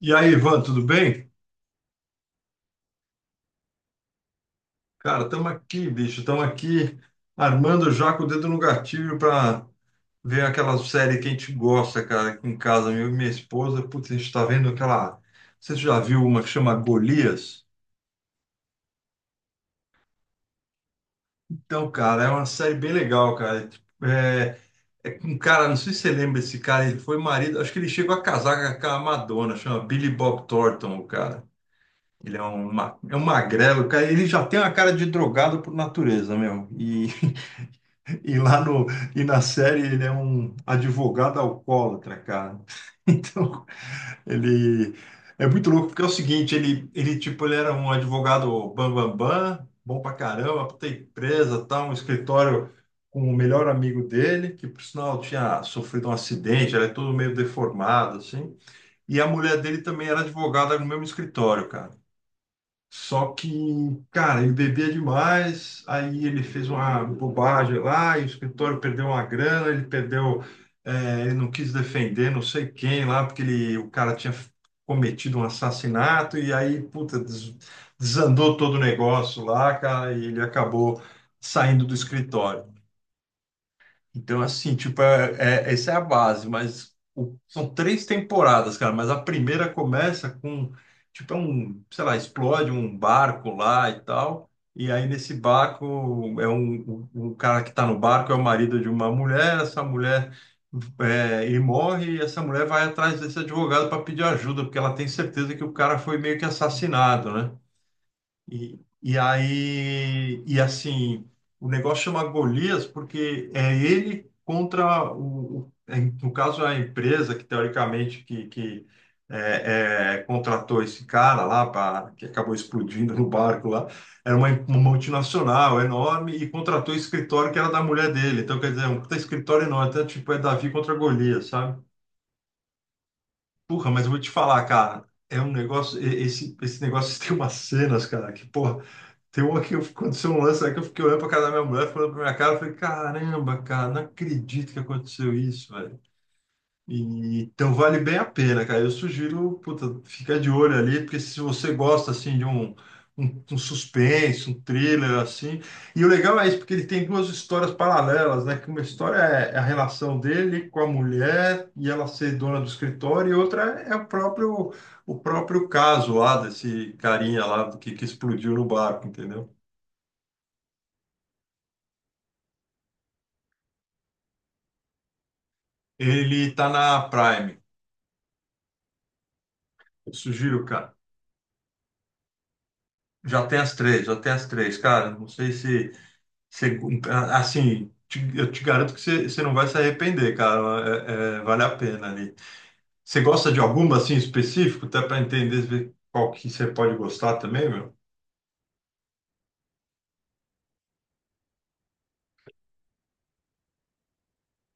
E aí, Ivan, tudo bem? Cara, estamos aqui, bicho, estamos aqui armando já com o dedo no gatilho para ver aquela série que a gente gosta, cara, aqui em casa, eu e minha esposa. Putz, a gente está vendo aquela. Não sei se você já viu uma que chama Golias. Então, cara, é uma série bem legal, cara. É, tipo, é com um cara, não sei se você lembra esse cara, ele foi marido, acho que ele chegou a casar com a Madonna, chama Billy Bob Thornton, o cara. Ele é um magrelo, cara. Ele já tem uma cara de drogado por natureza, meu. E E lá no, e na série ele é um advogado alcoólatra, cara. Então, ele é muito louco, porque é o seguinte, ele tipo, ele era um advogado bam, bam, bam, bom pra caramba, puta empresa, tal, um escritório com o melhor amigo dele, que por sinal tinha sofrido um acidente, era todo meio deformado, assim. E a mulher dele também era advogada no mesmo escritório, cara. Só que, cara, ele bebia demais, aí ele fez uma bobagem lá, e o escritório perdeu uma grana, ele não quis defender não sei quem lá, porque o cara tinha cometido um assassinato, e aí, puta, desandou todo o negócio lá, cara, e ele acabou saindo do escritório. Então, assim, tipo, essa é a base, mas são três temporadas, cara, mas a primeira começa com, tipo, é um, sei lá, explode um barco lá e tal, e aí nesse barco, o cara que tá no barco é o marido de uma mulher, essa mulher, é, ele morre e essa mulher vai atrás desse advogado para pedir ajuda, porque ela tem certeza que o cara foi meio que assassinado, né? E aí, e assim, o negócio chama Golias porque é ele contra no caso, a empresa que teoricamente contratou esse cara lá, que acabou explodindo no barco lá, era uma multinacional enorme e contratou o escritório que era da mulher dele. Então, quer dizer, é um puta escritório enorme, então, tipo, é Davi contra Golias, sabe? Porra, mas eu vou te falar, cara, é um negócio, esse negócio tem umas cenas, cara, que, porra. Tem uma que aconteceu um lance aí que eu fiquei olhando pra cara da minha mulher, falando pra minha cara, eu falei, caramba, cara, não acredito que aconteceu isso, velho. Então vale bem a pena, cara. Eu sugiro, puta, fica de olho ali, porque se você gosta, assim, de um suspense, um thriller, assim. E o legal é isso, porque ele tem duas histórias paralelas, né? Que uma história é a relação dele com a mulher e ela ser dona do escritório, e outra é o próprio caso lá desse carinha lá que explodiu no barco, entendeu? Ele tá na Prime. Eu sugiro, cara. Já tem as três, já tem as três, cara. Não sei se- assim, eu te garanto que você não vai se arrepender, cara. Vale a pena ali. Você gosta de alguma assim específico, até para entender ver qual que você pode gostar também, meu?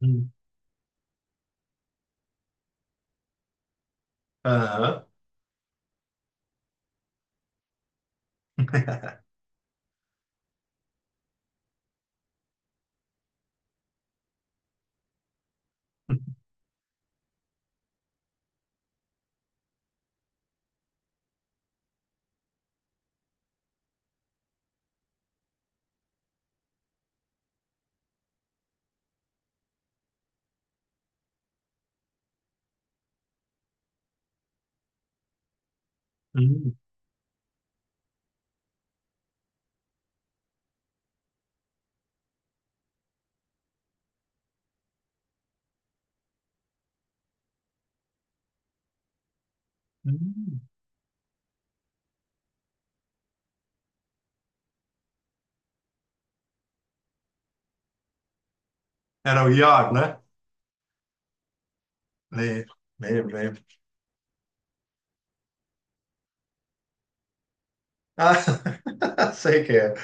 Hum. Aham. Hum, hum. Era o Iar, né? Lembro, lembro, lembro. Ah, sei que é.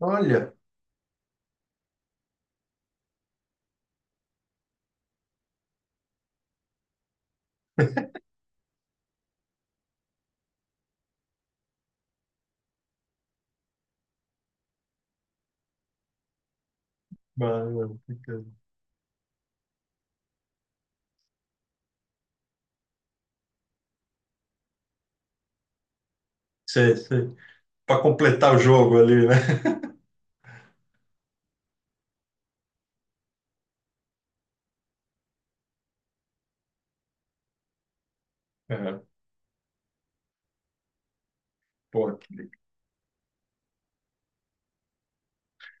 Olha, mano, sei, sei. Para completar o jogo ali, né? É, pô, que legal.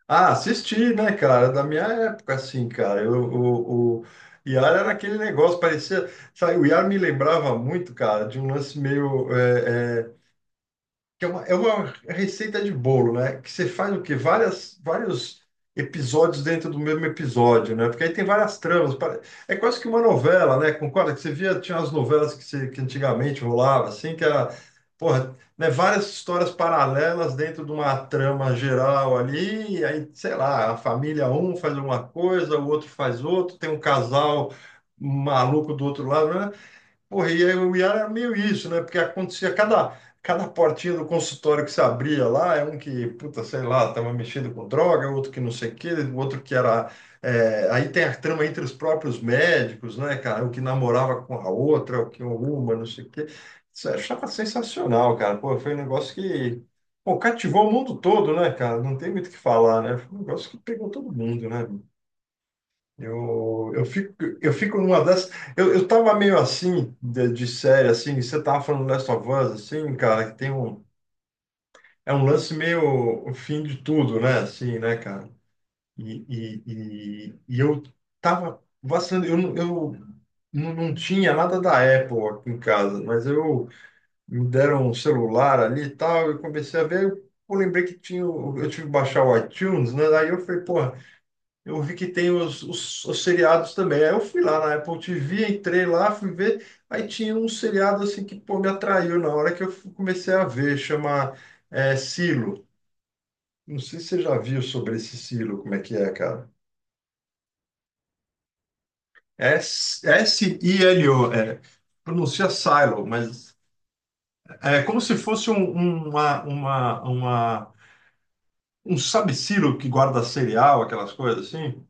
Ah, assisti, né, cara? Da minha época, assim, cara. O Iar era aquele negócio, parecia. Sabe, o Iar me lembrava muito, cara, de um lance meio, que é uma receita de bolo, né? Que você faz o quê? Vários episódios dentro do mesmo episódio, né? Porque aí tem várias tramas. É quase que uma novela, né? Concorda que você via, tinha as novelas que antigamente rolava, assim, que era, porra, né? Várias histórias paralelas dentro de uma trama geral ali, e aí, sei lá, a família um faz uma coisa, o outro faz outro, tem um casal maluco do outro lado, né? Porra, e aí o IAR era meio isso, né? Porque acontecia cada portinha do consultório que se abria lá, é um que, puta, sei lá, estava mexendo com droga, outro que não sei o quê, outro que era. Aí tem a trama entre os próprios médicos, né, cara? O que namorava com a outra, o que uma, não sei o quê. Isso eu achava sensacional, cara. Pô, foi um negócio que. Pô, cativou o mundo todo, né, cara? Não tem muito o que falar, né? Foi um negócio que pegou todo mundo, né? Eu fico, eu fico numa dessas. Eu tava meio assim, de série, assim, você tava falando Last of Us, assim, cara, que tem um. É um lance meio o fim de tudo, né? Assim, né, cara? E eu tava vacilando, eu não tinha nada da Apple aqui em casa, mas eu me deram um celular ali e tal, eu comecei a ver, eu lembrei que tinha, eu tive que baixar o iTunes, né? Daí eu falei, pô. Eu vi que tem os seriados também. Aí eu fui lá na Apple TV, entrei lá, fui ver. Aí tinha um seriado assim que pô, me atraiu na hora que comecei a ver, chama Silo. Não sei se você já viu sobre esse Silo, como é que é, cara. É S- S-I-L-O, é, pronuncia Silo, mas é como se fosse um sabe-silo que guarda cereal, aquelas coisas assim.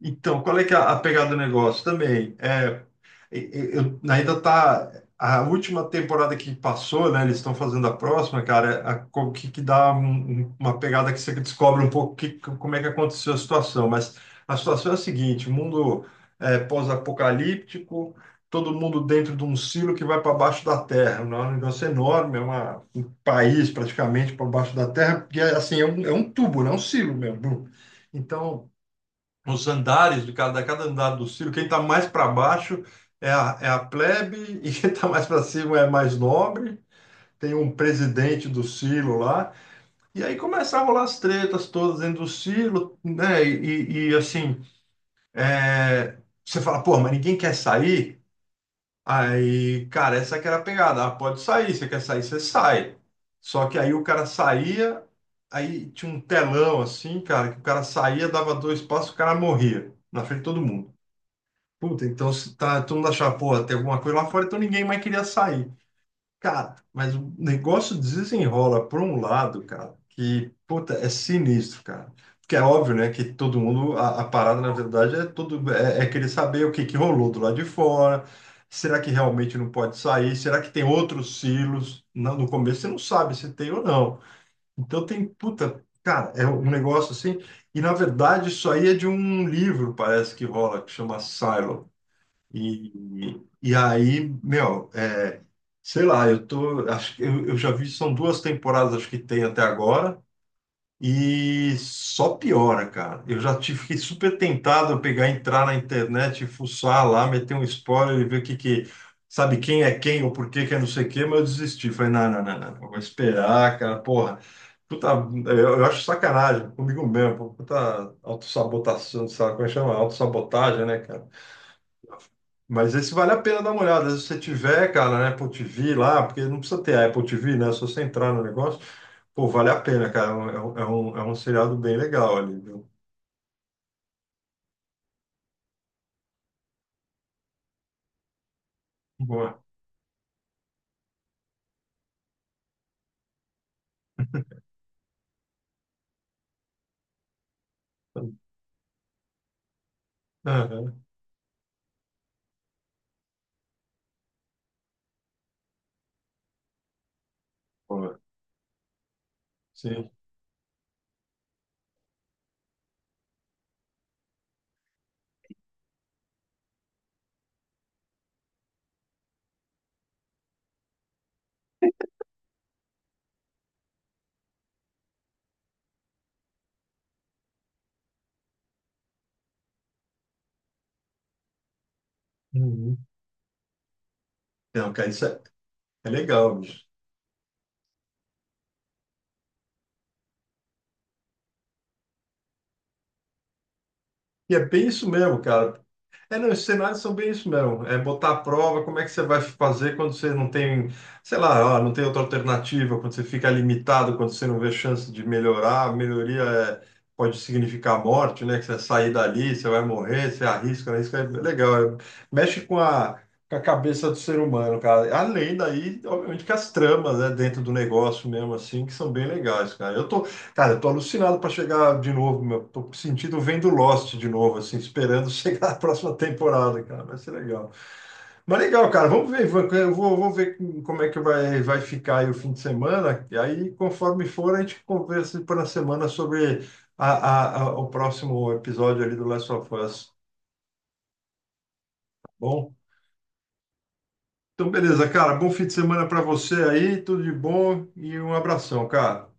Então, qual é que é a pegada do negócio também? É, eu, ainda tá a última temporada que passou, né? Eles estão fazendo a próxima, cara. Que dá uma pegada que você descobre um pouco que, como é que aconteceu a situação. Mas a situação é a seguinte: mundo é, pós-apocalíptico, todo mundo dentro de um silo que vai para baixo da terra. Né, é um negócio enorme, é um país praticamente para baixo da terra. E é, assim, é um tubo, né? Um silo mesmo. Então os andares de cada andar do Ciro, quem está mais para baixo é a plebe e quem está mais para cima é mais nobre. Tem um presidente do Ciro lá. E aí começavam lá as tretas todas dentro do Ciro, né? E assim, é, você fala, pô, mas ninguém quer sair? Aí, cara, essa que era a pegada. Ah, pode sair, você quer sair, você sai. Só que aí o cara saía, aí tinha um telão assim, cara, que o cara saía, dava dois passos, o cara morria na frente de todo mundo. Puta, então se tá, todo mundo achava, porra, tem alguma coisa lá fora, então ninguém mais queria sair. Cara, mas o negócio desenrola por um lado, cara, que, puta, é sinistro, cara. Porque é óbvio, né, que todo mundo, a parada, na verdade, é querer saber o que que rolou do lado de fora, será que realmente não pode sair, será que tem outros silos? Não, no começo você não sabe se tem ou não. Então tem, puta, cara, é um negócio assim, e na verdade isso aí é de um livro, parece que rola, que chama Silo e aí, meu, é, sei lá, eu tô, acho que eu já vi, são duas temporadas, acho que tem até agora, e só piora, cara. Eu já tive, fiquei super tentado a pegar, entrar na internet, fuçar lá, meter um spoiler e ver o que que, sabe quem é quem ou por que que é não sei o quê, mas eu desisti. Falei, não, não, não, não, eu vou esperar, cara, porra. Puta, eu acho sacanagem comigo mesmo, puta autossabotação, sabe como é que chama? Autossabotagem, né, cara? Mas esse vale a pena dar uma olhada. Se você tiver, cara, na Apple TV lá, porque não precisa ter a Apple TV, né? É só você entrar no negócio, pô, vale a pena, cara. É um seriado bem legal ali, viu? Boa. Aham, boa. Sim. Uhum. Não, cara, isso é, é legal, bicho. E é bem isso mesmo, cara. É, não, os cenários são bem isso mesmo. É botar à prova como é que você vai fazer quando você não tem, sei lá, ah, não tem outra alternativa, quando você fica limitado, quando você não vê chance de melhorar. A melhoria é, pode significar a morte, né? Que você sair dali, você vai morrer, você arrisca, arrisca. É legal. É, mexe com a cabeça do ser humano, cara. Além daí, obviamente, que as tramas, né, dentro do negócio mesmo, assim, que são bem legais, cara. Cara, eu tô alucinado para chegar de novo, meu. Tô sentindo vendo Lost de novo, assim, esperando chegar a próxima temporada, cara. Vai ser legal. Mas legal, cara. Vamos ver, Ivan. Eu vou ver como é que vai ficar aí o fim de semana. E aí, conforme for, a gente conversa para a semana sobre o próximo episódio ali do Last of Us. Bom? Então, beleza, cara. Bom fim de semana para você aí. Tudo de bom e um abração, cara.